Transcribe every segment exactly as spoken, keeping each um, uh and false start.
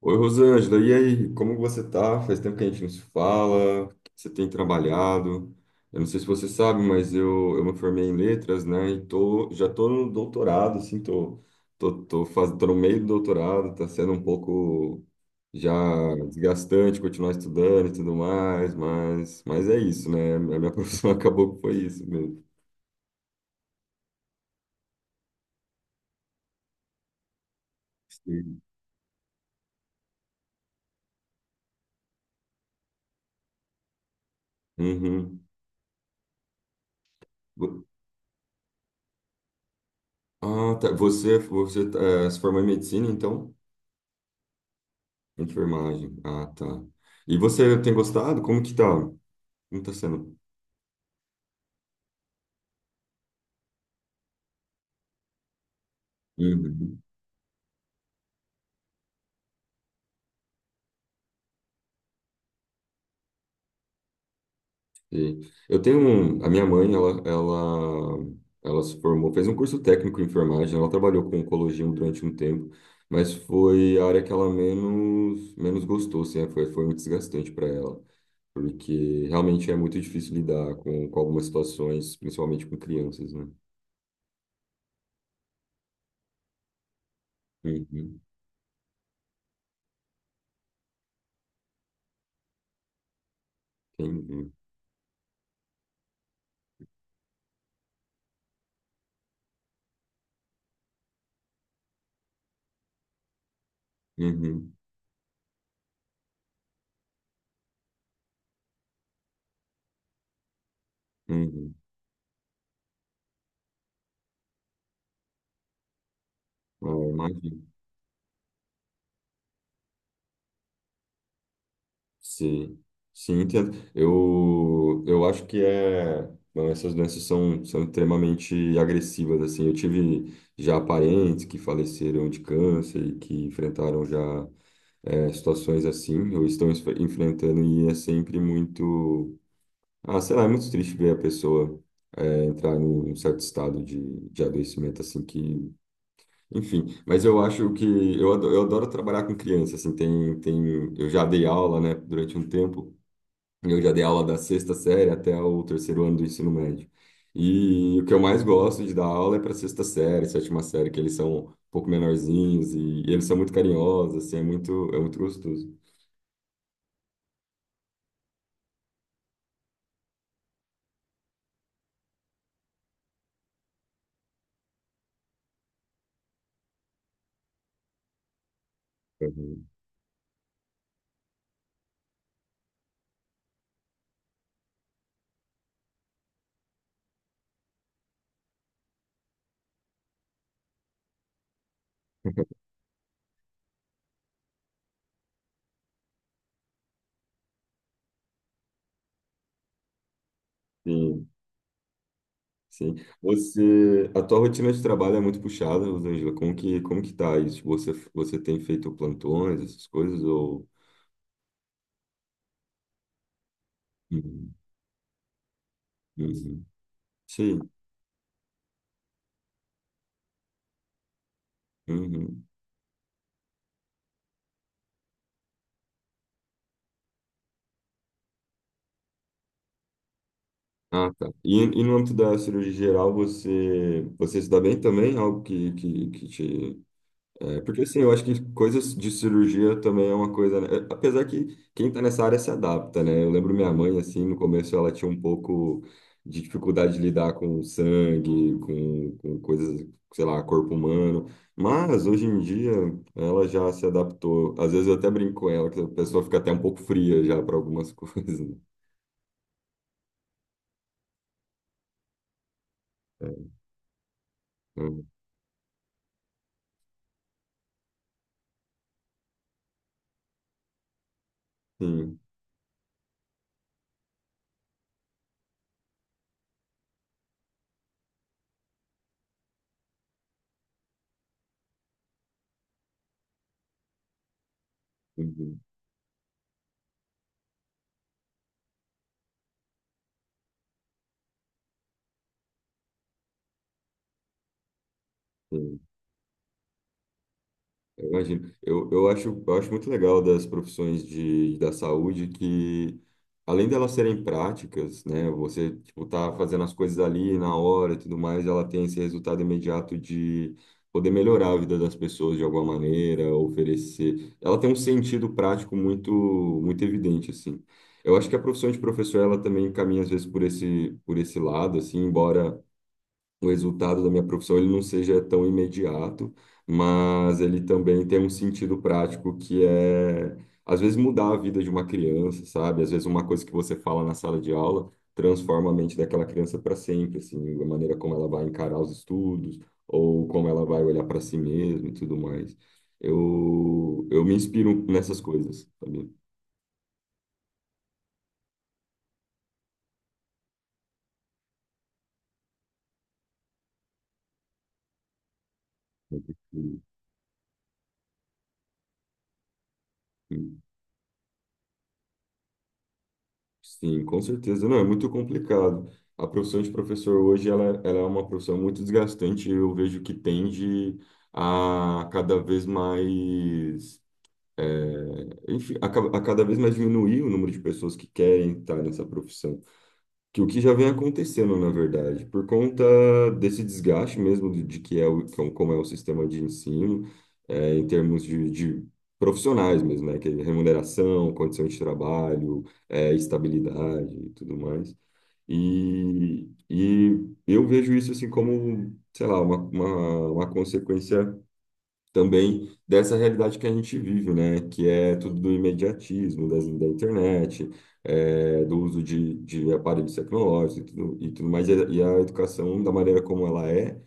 Oi, Rosângela, e aí? Como você tá? Faz tempo que a gente não se fala, o que você tem trabalhado. Eu não sei se você sabe, mas eu, eu me formei em letras, né? E tô, já tô no doutorado, assim, tô, tô, tô, faz, tô no meio do doutorado, tá sendo um pouco já desgastante continuar estudando e tudo mais, mas, mas é isso, né? A minha profissão acabou que foi isso mesmo. Sim. Uhum. Vo- Ah, tá. Você, você, eh, se formou em medicina, então? Enfermagem. Ah, tá. E você tem gostado? Como que tá? Como tá sendo? Uhum. E eu tenho um, a minha mãe, ela, ela, ela se formou, fez um curso técnico em enfermagem, ela trabalhou com oncologia durante um tempo, mas foi a área que ela menos, menos gostou, assim, é, foi, foi muito desgastante para ela, porque realmente é muito difícil lidar com, com algumas situações, principalmente com crianças, né? Uhum. Entendi. Uhum. Uhum. Ah, imagino. Sim, sim, entendo. Eu, eu acho que é. Não, essas doenças são, são extremamente agressivas, assim. Eu tive já parentes que faleceram de câncer e que enfrentaram já é, situações assim, ou estão enf- enfrentando, e é sempre muito. Ah, sei lá, é muito triste ver a pessoa é, entrar num, num certo estado de, de adoecimento, assim, que. Enfim, mas eu acho que. Eu adoro, eu adoro trabalhar com criança, assim. Tem, tem, eu já dei aula, né, durante um tempo. Eu já dei aula da sexta série até o terceiro ano do ensino médio. E o que eu mais gosto de dar aula é para sexta série, sétima série, que eles são um pouco menorzinhos e, e eles são muito carinhosos, assim, é muito, é muito gostoso. Uhum. Sim, sim. Você, a tua rotina de trabalho é muito puxada, Rosângela. Como que, como que tá isso? Tipo, Você, você tem feito plantões, essas coisas, ou... Uhum. Uhum. Sim. Uhum. Ah, tá. E, e no âmbito da cirurgia geral, você, você se dá bem também? Algo que, que, que te. É, porque assim, eu acho que coisas de cirurgia também é uma coisa, né? É, Apesar que quem tá nessa área se adapta, né? Eu lembro minha mãe, assim, no começo ela tinha um pouco de dificuldade de lidar com sangue, com, com coisas, sei lá, corpo humano. Mas hoje em dia ela já se adaptou. Às vezes eu até brinco com ela, que a pessoa fica até um pouco fria já para algumas coisas. Né? É, Sim, sim, sim. Eu imagino. Eu, eu acho, eu acho muito legal das profissões de, da saúde que, além delas serem práticas, né? Você, tipo, tá fazendo as coisas ali na hora e tudo mais, ela tem esse resultado imediato de poder melhorar a vida das pessoas de alguma maneira, oferecer. Ela tem um sentido prático muito, muito evidente, assim. Eu acho que a profissão de professor, ela também caminha, às vezes, por esse, por esse lado, assim, embora o resultado da minha profissão ele não seja tão imediato, mas ele também tem um sentido prático que é, às vezes, mudar a vida de uma criança, sabe? Às vezes, uma coisa que você fala na sala de aula transforma a mente daquela criança para sempre, assim, a maneira como ela vai encarar os estudos ou como ela vai olhar para si mesma e tudo mais. Eu, eu me inspiro nessas coisas, sabe? Sim, com certeza. Não, é muito complicado. A profissão de professor hoje, ela, ela é uma profissão muito desgastante. Eu vejo que tende a cada vez mais, é, enfim, a, ca- a cada vez mais diminuir o número de pessoas que querem estar nessa profissão que o que já vem acontecendo, na verdade, por conta desse desgaste mesmo de, de que é o, que é um- como é o sistema de ensino, é, em termos de, de profissionais mesmo, né? Que é remuneração, condição de trabalho, é, estabilidade e tudo mais. E, e eu vejo isso assim como, sei lá, uma, uma, uma consequência também dessa realidade que a gente vive, né? Que é tudo do imediatismo, das, da internet, é, do uso de, de aparelhos tecnológicos e tudo, e tudo mais. E a, e a educação, da maneira como ela é,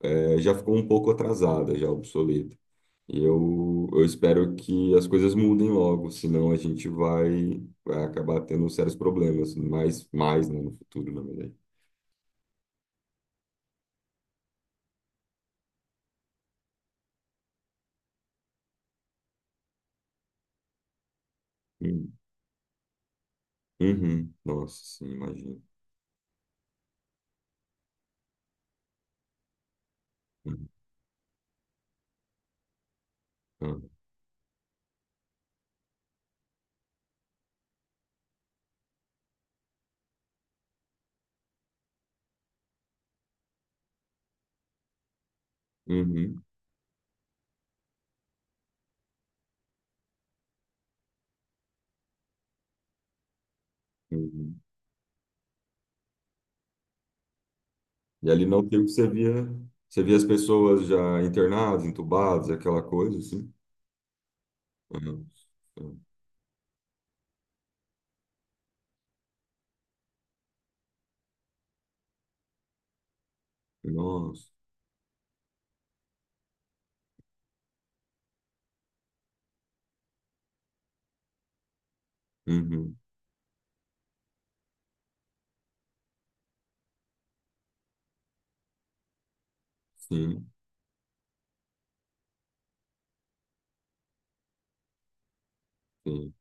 é, já ficou um pouco atrasada, já obsoleta. E eu, eu espero que as coisas mudem logo, senão a gente vai, vai acabar tendo sérios problemas, mais, mais, né, no futuro, na verdade. Hum. Uhum. Nossa, sim, imagino. Uhum. Ah. Uhum. Uhum. E ali não tem o que você via. Você via as pessoas já internadas, entubadas, aquela coisa, assim. Uhum. Nossa. Uhum. Sim, sim,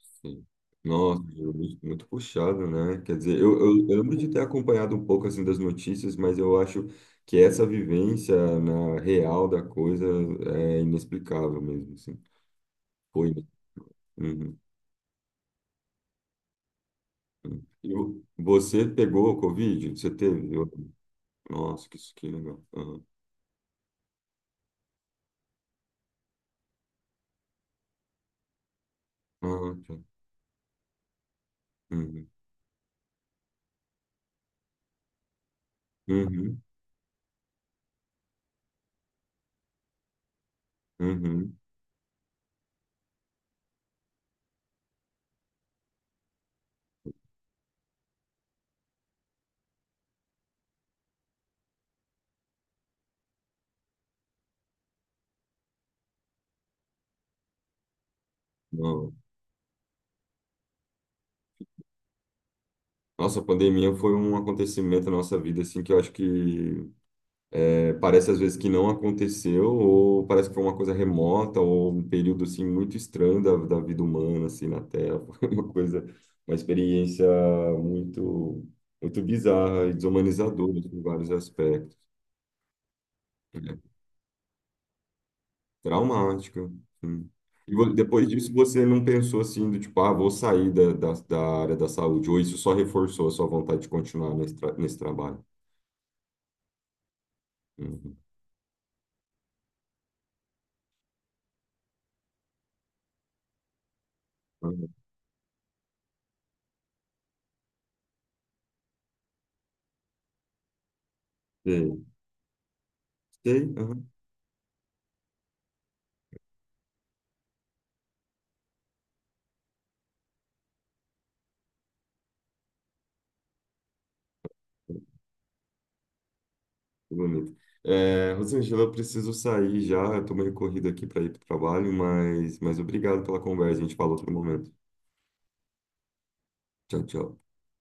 sim. Nossa, muito muito puxado, né? Quer dizer, eu, eu, eu lembro de ter acompanhado um pouco, assim, das notícias, mas eu acho que essa vivência na real da coisa é inexplicável mesmo, assim. Foi. Né? Uhum. uhum. E o- você pegou o Covid? Você teve? Eu- Nossa, que, isso que legal. Uhum. Ah, tá. Uhum. Uhum, uhum. Não. Nossa, a pandemia foi um acontecimento na nossa vida, assim, que eu acho que é, parece às vezes que não aconteceu, ou parece que foi uma coisa remota, ou um período, assim, muito estranho da, da vida humana, assim, na Terra. Foi uma coisa, uma experiência muito, muito bizarra e desumanizadora, assim, em vários aspectos. Traumática. Sim. E vo- depois disso, você não pensou assim, do tipo, ah, vou sair da, da, da área da saúde, ou isso só reforçou a sua vontade de continuar nesse, tra- nesse trabalho? Uhum. Ah, Sei, sei, aham, que bonito. É, Rosângela, eu preciso sair já, eu tô meio corrido aqui para ir para o trabalho, mas, mas obrigado pela conversa, a gente fala outro momento. Tchau, tchau.